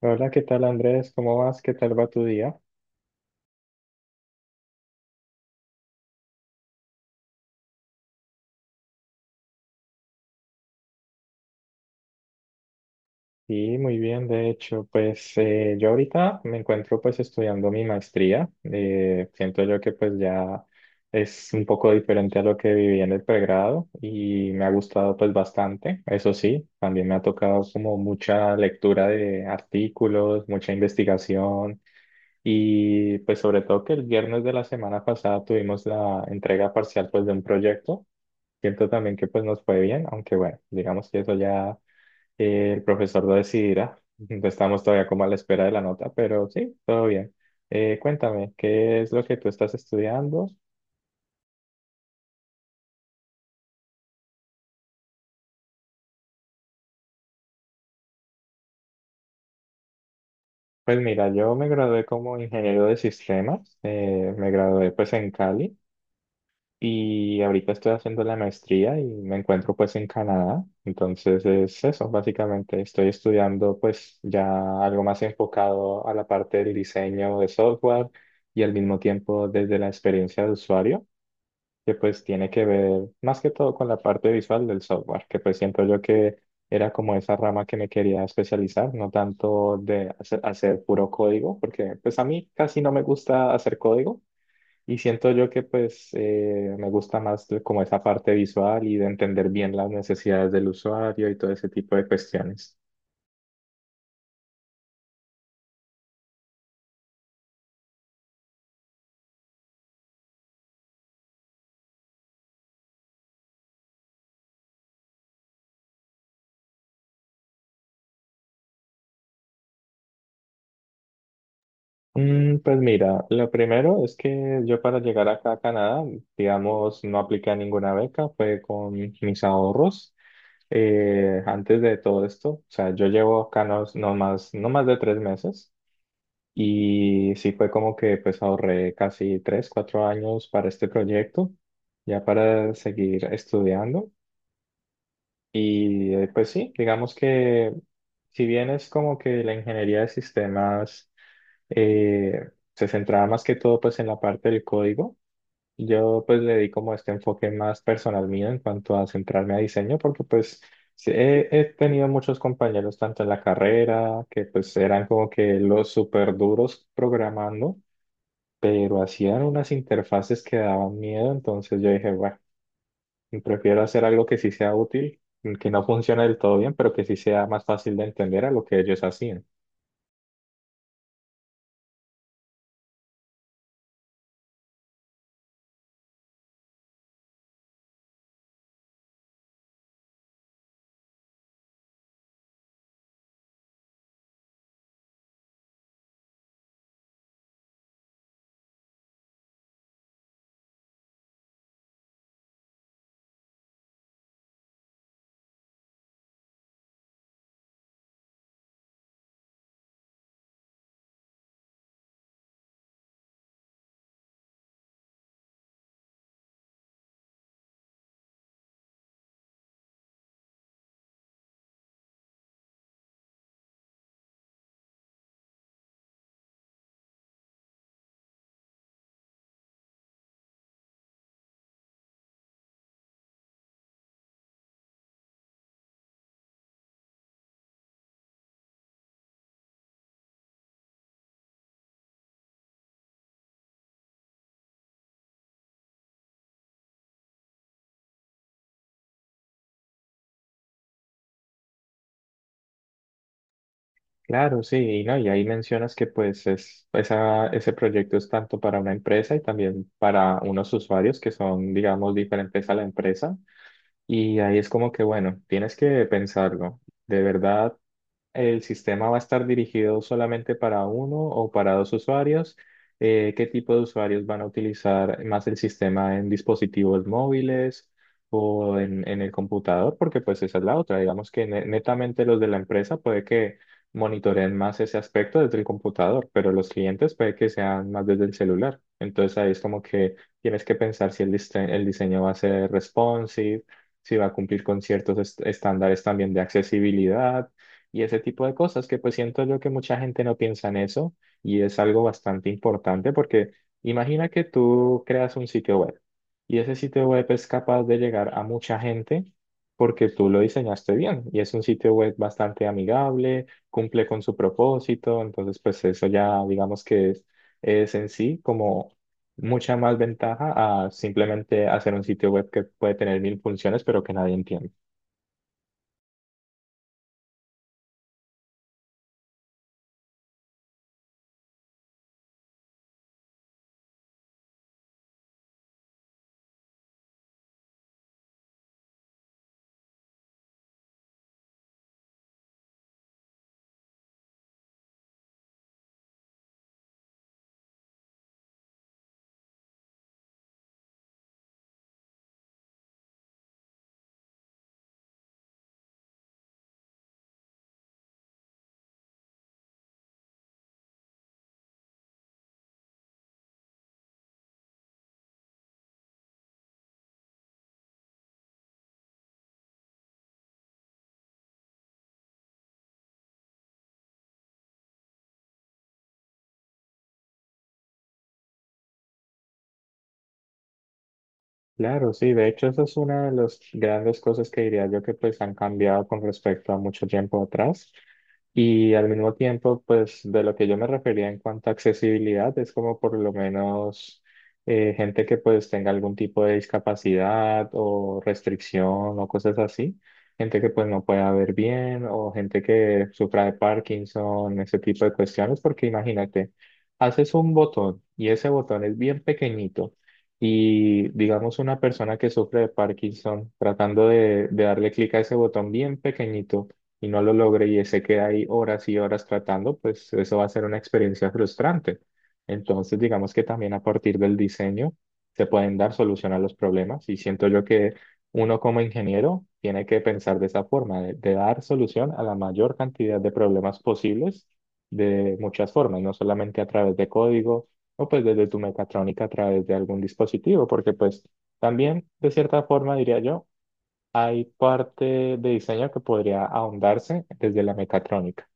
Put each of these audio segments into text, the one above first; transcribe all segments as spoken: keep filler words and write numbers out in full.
Hola, ¿qué tal Andrés? ¿Cómo vas? ¿Qué tal va tu día? Sí, muy bien, de hecho, pues eh, yo ahorita me encuentro pues estudiando mi maestría. Eh, siento yo que pues ya es un poco diferente a lo que viví en el pregrado y me ha gustado pues bastante. Eso sí, también me ha tocado como mucha lectura de artículos, mucha investigación y pues sobre todo que el viernes de la semana pasada tuvimos la entrega parcial pues de un proyecto. Siento también que pues nos fue bien, aunque bueno, digamos que eso ya eh, el profesor lo decidirá. Estamos todavía como a la espera de la nota, pero sí, todo bien. Eh, cuéntame, ¿qué es lo que tú estás estudiando? Pues mira, yo me gradué como ingeniero de sistemas, eh, me gradué pues en Cali. Y ahorita estoy haciendo la maestría y me encuentro pues en Canadá. Entonces es eso, básicamente estoy estudiando pues ya algo más enfocado a la parte del diseño de software y al mismo tiempo desde la experiencia de usuario, que pues tiene que ver más que todo con la parte visual del software, que pues siento yo que era como esa rama que me quería especializar, no tanto de hacer, hacer puro código, porque pues a mí casi no me gusta hacer código y siento yo que pues eh, me gusta más de- como esa parte visual y de entender bien las necesidades del usuario y todo ese tipo de cuestiones. Mm, pues mira, lo primero es que yo para llegar acá a Canadá, digamos, no apliqué ninguna beca, fue con mis ahorros. Eh, antes de todo esto, o sea, yo llevo acá no, no más, no más de tres meses y sí fue como que pues ahorré casi tres, cuatro años para este proyecto ya para seguir estudiando. Y eh, pues sí, digamos que si bien es como que la ingeniería de sistemas eh, se centraba más que todo pues en la parte del código, yo pues le di como este enfoque más personal mío en cuanto a centrarme a diseño, porque pues sí, he, he tenido muchos compañeros tanto en la carrera que pues eran como que los súper duros programando, pero hacían unas interfaces que daban miedo, entonces yo dije, bueno. Prefiero hacer algo que sí sea útil, que no funcione del todo bien, pero que sí sea más fácil de entender a lo que ellos hacían. Claro, sí, y no, y ahí mencionas que pues es, esa, ese proyecto es tanto para una empresa y también para unos usuarios que son, digamos, diferentes a la empresa. Y ahí es como que, bueno, tienes que pensarlo. De verdad, ¿el sistema va a estar dirigido solamente para uno o para dos usuarios? Eh, ¿qué tipo de usuarios van a utilizar más el sistema en dispositivos móviles o en, en el computador? Porque pues esa es la otra. Digamos que ne- netamente los de la empresa puede que monitoreen más ese aspecto desde el computador, pero los clientes puede que sean más desde el celular. Entonces ahí es como que tienes que pensar si el, diste- el diseño va a ser responsive, si va a cumplir con ciertos est- estándares también de accesibilidad y ese tipo de cosas que pues siento yo que mucha gente no piensa en eso y es algo bastante importante porque imagina que tú creas un sitio web y ese sitio web es capaz de llegar a mucha gente porque tú lo diseñaste bien y es un sitio web bastante amigable, cumple con su propósito, entonces pues eso ya digamos que es, es en sí como mucha más ventaja a simplemente hacer un sitio web que puede tener mil funciones pero que nadie entiende. Claro, sí, de hecho esa es una de las grandes cosas que diría yo que pues han cambiado con respecto a mucho tiempo atrás. Y al mismo tiempo, pues de lo que yo me refería en cuanto a accesibilidad, es como por lo menos eh, gente que pues tenga algún tipo de discapacidad o restricción o cosas así, gente que pues no pueda ver bien o gente que sufra de Parkinson, ese tipo de cuestiones, porque imagínate, haces un botón y ese botón es bien pequeñito y digamos una persona que sufre de Parkinson tratando de, de darle clic a ese botón bien pequeñito y no lo logre y se queda ahí horas y horas tratando, pues eso va a ser una experiencia frustrante. Entonces, digamos que también a partir del diseño se pueden dar solución a los problemas y siento yo que uno como ingeniero tiene que pensar de esa forma, de, de dar solución a la mayor cantidad de problemas posibles de muchas formas, no solamente a través de código o pues desde tu mecatrónica a través de algún dispositivo, porque pues también de cierta forma diría yo, hay parte de diseño que podría ahondarse desde la mecatrónica.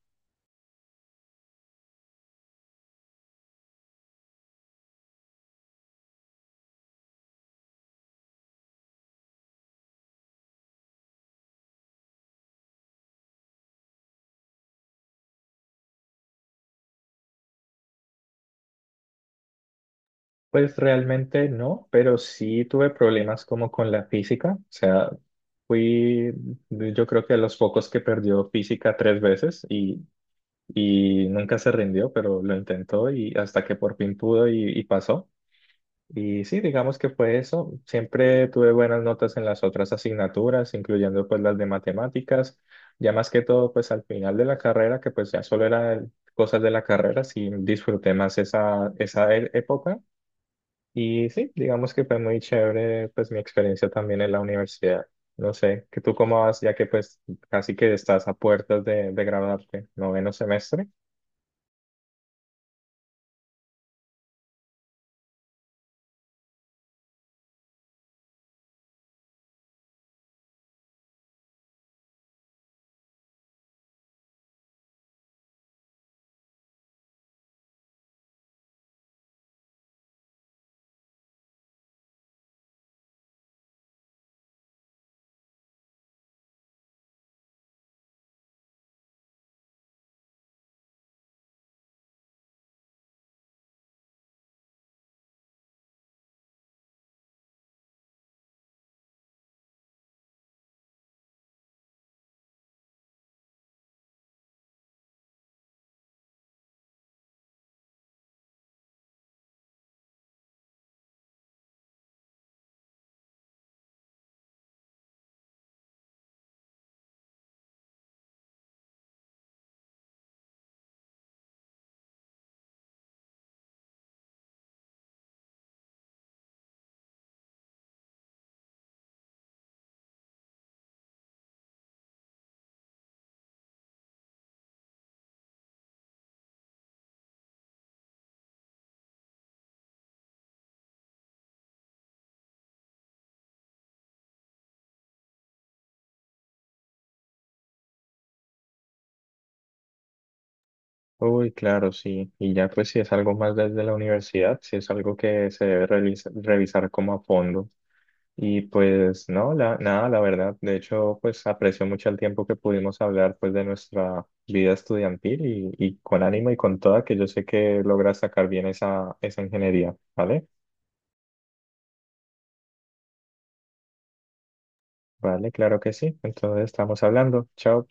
Pues realmente no, pero sí tuve problemas como con la física. O sea, fui yo creo que de los pocos que perdió física tres veces y, y nunca se rindió, pero lo intentó y hasta que por fin pudo y y pasó. Y sí, digamos que fue eso. Siempre tuve buenas notas en las otras asignaturas, incluyendo pues las de matemáticas. Ya más que todo, pues al final de la carrera, que pues ya solo eran cosas de la carrera, sí disfruté más esa, esa e- época. Y sí, digamos que fue muy chévere pues mi experiencia también en la universidad. No sé, que tú cómo vas, ya que pues casi que estás a puertas de, de graduarte, noveno semestre. Uy, claro, sí. Y ya pues si es algo más desde la universidad, si es algo que se debe revis- revisar como a fondo. Y pues no, la, nada, la verdad. De hecho, pues aprecio mucho el tiempo que pudimos hablar pues de nuestra vida estudiantil y, y con ánimo y con toda, que yo sé que logras sacar bien esa, esa ingeniería, ¿vale? Vale, claro que sí. Entonces estamos hablando. Chao.